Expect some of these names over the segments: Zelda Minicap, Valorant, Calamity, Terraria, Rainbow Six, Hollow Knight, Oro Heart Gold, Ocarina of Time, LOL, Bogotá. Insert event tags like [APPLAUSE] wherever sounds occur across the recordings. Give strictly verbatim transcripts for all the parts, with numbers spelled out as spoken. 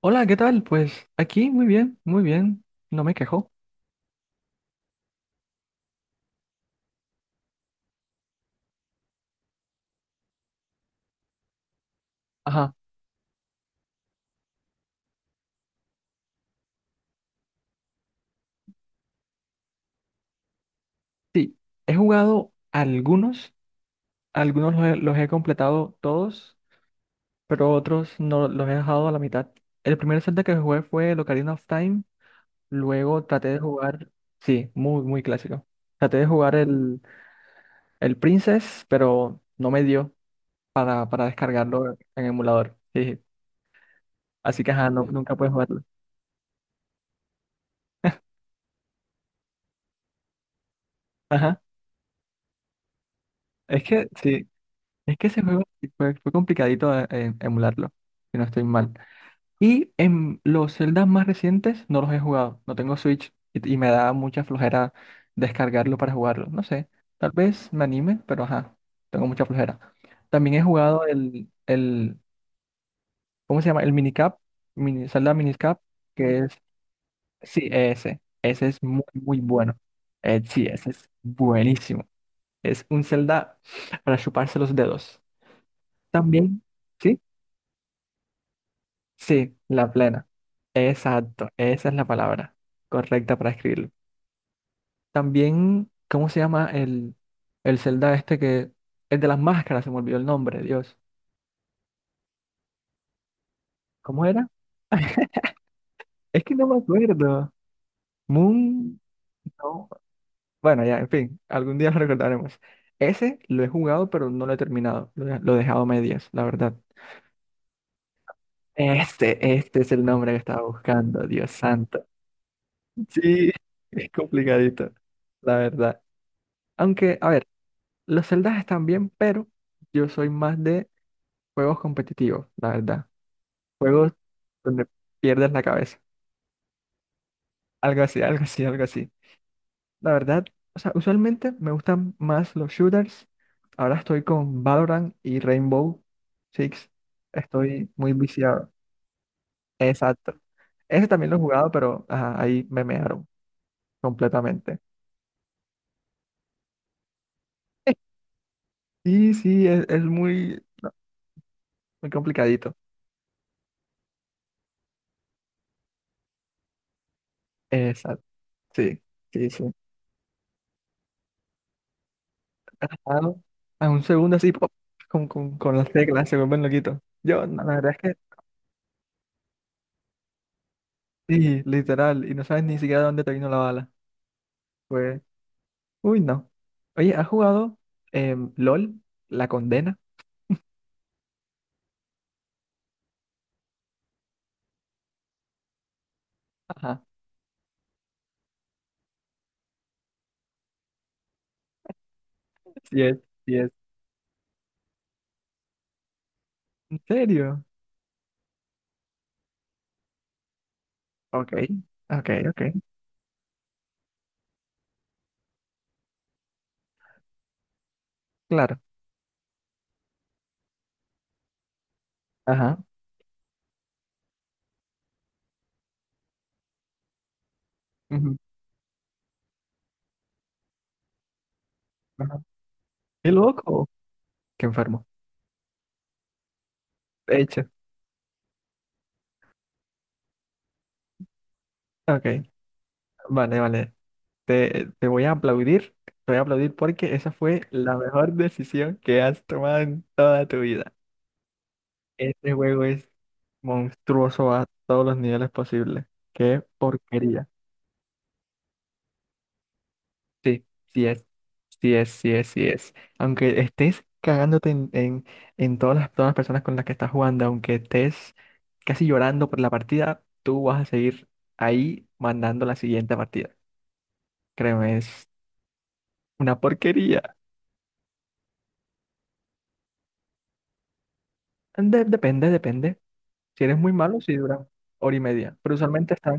Hola, ¿qué tal? Pues aquí muy bien, muy bien, no me quejo. Ajá, sí, he jugado algunos, algunos los he, los he completado todos, pero otros no los he dejado a la mitad. El primer Zelda que jugué fue el Ocarina of Time, luego traté de jugar, sí, muy, muy clásico. Traté de jugar el, el Princess, pero no me dio para, para descargarlo en emulador. Sí. Así que ajá, no- nunca puedes jugarlo. Ajá, es que sí. Es que ese juego sí fue, fue complicadito de- eh, emularlo, si no estoy mal. Y en los Zeldas más recientes no los he jugado, no tengo Switch y, y me da mucha flojera descargarlo para jugarlo. No sé, tal vez me anime, pero ajá, tengo mucha flojera. También he jugado el, el ¿cómo se llama? El Minicap, mini, Zelda Minicap, que es, sí, ese, ese es muy, muy bueno. Eh, sí, ese es buenísimo. Es un Zelda para chuparse los dedos. También, ¿sí? Sí, la plena. Exacto, esa es la palabra correcta para escribirlo. También, ¿cómo se llama el, el Zelda este que es de las máscaras? Se me olvidó el nombre, Dios. ¿Cómo era? [LAUGHS] Es que no me acuerdo. Moon, no. Bueno, ya, en fin, algún día lo recordaremos. Ese lo he jugado, pero no lo he terminado. Lo he, lo he dejado a medias, la verdad. Este, este es el nombre que estaba buscando, Dios santo. Sí, [LAUGHS] es complicadito, la verdad. Aunque, a ver. Los celdas están bien, pero yo soy más de juegos competitivos, la verdad. Juegos donde pierdes la cabeza. Algo así, algo así, algo así. La verdad, o sea, usualmente me gustan más los shooters. Ahora estoy con Valorant y Rainbow Six. Estoy muy viciado. Exacto. Ese también lo he jugado, pero ajá, ahí me mearon completamente. [LAUGHS] Sí, sí, es, es muy, muy complicadito. Exacto. Sí, sí, sí. Ah, no. A un segundo así, pop, con, con, con las teclas, se vuelven loquitos. Yo, la la verdad es que sí, literal, y no sabes ni siquiera dónde te vino la bala. Pues, uy, no. Oye, ¿has jugado em, L O L? La condena. Ajá, sí es, sí es. ¿En serio? Ok, ok, ok, claro. Ajá, ujú, ajá. Qué loco, qué enfermo. De hecho, ok, vale, vale. Te, te voy a aplaudir, te voy a aplaudir porque esa fue la mejor decisión que has tomado en toda tu vida. Este juego es monstruoso a todos los niveles posibles. Qué porquería. Sí, sí es. Sí es, sí es, sí es. Aunque estés cagándote en, en, en todas las, todas las personas con las que estás jugando, aunque estés casi llorando por la partida, tú vas a seguir ahí mandando la siguiente partida. Créeme, es una porquería. De- depende, depende. Si eres muy malo, sí dura hora y media. Pero usualmente está.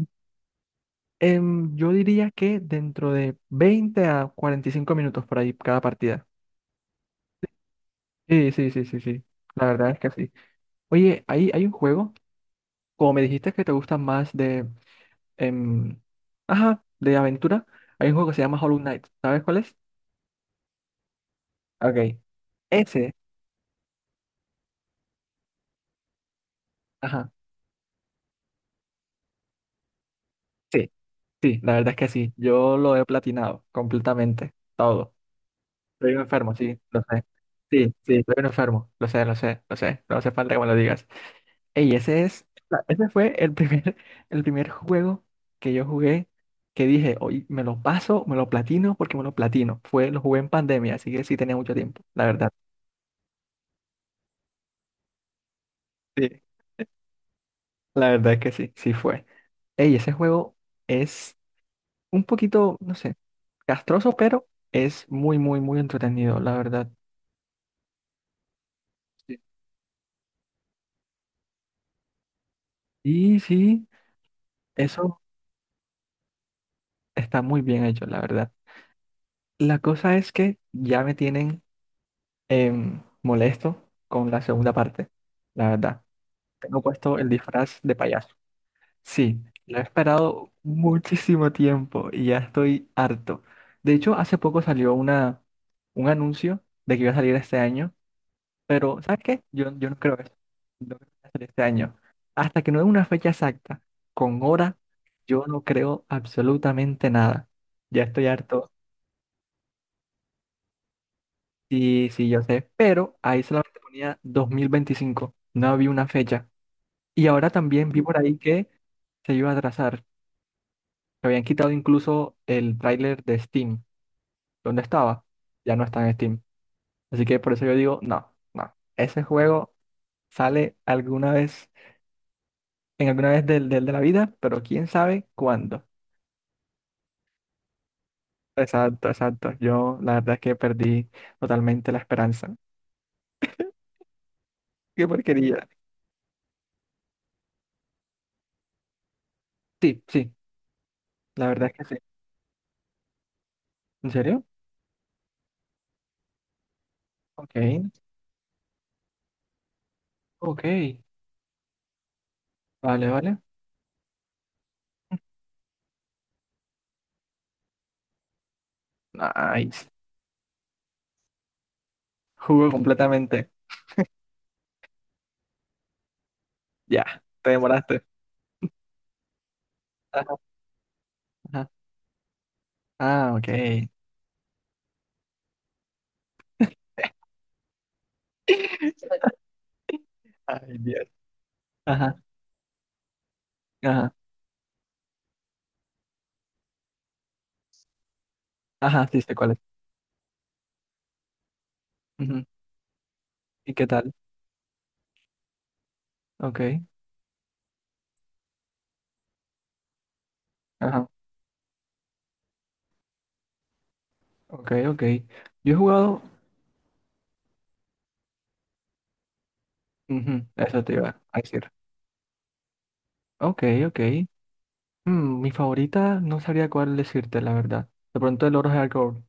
Em, yo diría que dentro de veinte a cuarenta y cinco minutos por ahí cada partida. Sí, sí, sí, sí, sí. La verdad es que sí. Oye, ahí hay un juego, como me dijiste que te gustan más de, em, ajá, de aventura, hay un juego que se llama Hollow Knight. ¿Sabes cuál es? Ok. Ese, ajá. Sí, sí, la verdad es que sí. Yo lo he platinado completamente, todo. Soy un enfermo, sí, lo sé. Sí, sí, soy un enfermo, lo sé, lo sé, lo sé. No hace falta que me lo digas. Ey, ese es, la- ese fue el primer, [LAUGHS] el primer juego que yo jugué que dije, hoy me lo paso, me lo platino porque me lo platino. Fue, lo jugué en pandemia, así que sí tenía mucho tiempo, la verdad. Sí, la verdad es que sí, sí fue. Ey, ese juego es un poquito, no sé, castroso, pero es muy, muy, muy entretenido, la verdad. Sí, sí, sí, eso está muy bien hecho, la verdad. La cosa es que ya me tienen em, molesto con la segunda parte, la verdad. Tengo puesto el disfraz de payaso. Sí, lo he esperado muchísimo tiempo y ya estoy harto. De hecho, hace poco salió una, un anuncio de que iba a salir este año, pero ¿sabes qué? Yo, yo no creo que no creo que vaya a salir este año. Hasta que no dé una fecha exacta, con hora, yo no creo absolutamente nada. Ya estoy harto. Sí, sí, yo sé, pero ahí solamente ponía dos mil veinticinco, no había una fecha. Y ahora también vi por ahí que se iba a atrasar. Habían quitado incluso el tráiler de Steam. ¿Dónde estaba? Ya no está en Steam. Así que por eso yo digo, no, no. Ese juego sale alguna vez, en alguna vez del, del de la vida, pero quién sabe cuándo. Exacto, exacto. Yo la verdad es que perdí totalmente la esperanza. Qué porquería. Sí, sí, la verdad es que sí. ¿En serio? Ok, ok. Vale, vale. Nice. Jugó completamente. Ya, te demoraste. Ajá, ajá. Ah, ok. [LAUGHS] Ay, Dios. Ajá. Ajá, ajá, sí sé cuál es. Ujú. ¿Y qué tal? Ok, ajá, ok, ok. Yo he jugado, ujú, eso te iba a decir. Ok, ok. Mm, mi favorita, no sabría cuál decirte, la verdad. De pronto el Oro Heart Gold,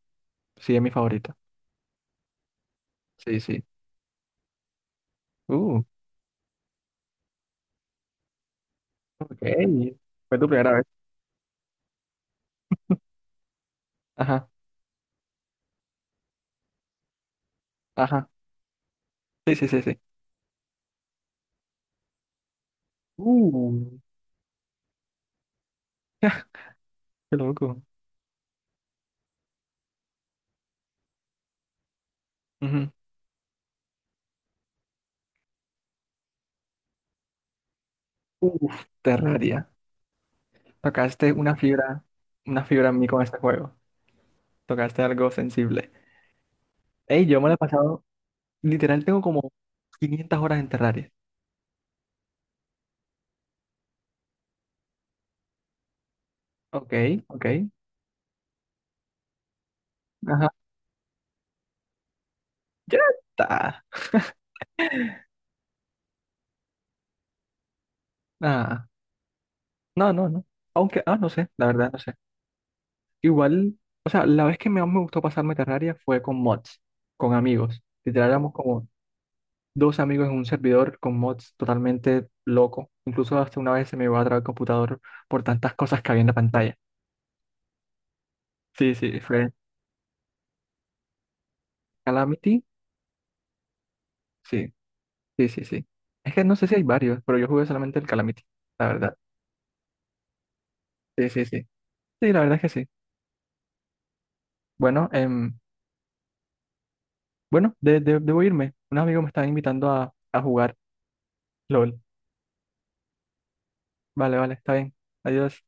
sí es mi favorita. Sí, sí. Uh, ok. Fue tu primera vez. Ajá, ajá. Sí, sí, sí, sí. Uh, [LAUGHS] qué loco. Ujú. Uf, Terraria. Tocaste una fibra, una fibra en mí con este juego. Tocaste algo sensible. Ey, yo me lo he pasado. Literal, tengo como quinientas horas en Terraria. Ok, ok. Ajá. Ya está. Ah, no, no, no. Aunque, ah, no sé, la verdad, no sé. Igual, o sea, la vez que más me gustó pasarme Terraria fue con mods, con amigos. Literal, éramos como dos amigos en un servidor con mods totalmente loco. Incluso hasta una vez se me iba a trabar el computador por tantas cosas que había en la pantalla. Sí, sí, fue Calamity. Sí, sí, sí, sí. Es que no sé si hay varios, pero yo jugué solamente el Calamity, la verdad. Sí, sí, sí. Sí, la verdad es que sí. Bueno, em, bueno, de- de- debo irme. Unos amigos me están invitando a, a jugar L O L. Vale, vale, está bien. Adiós.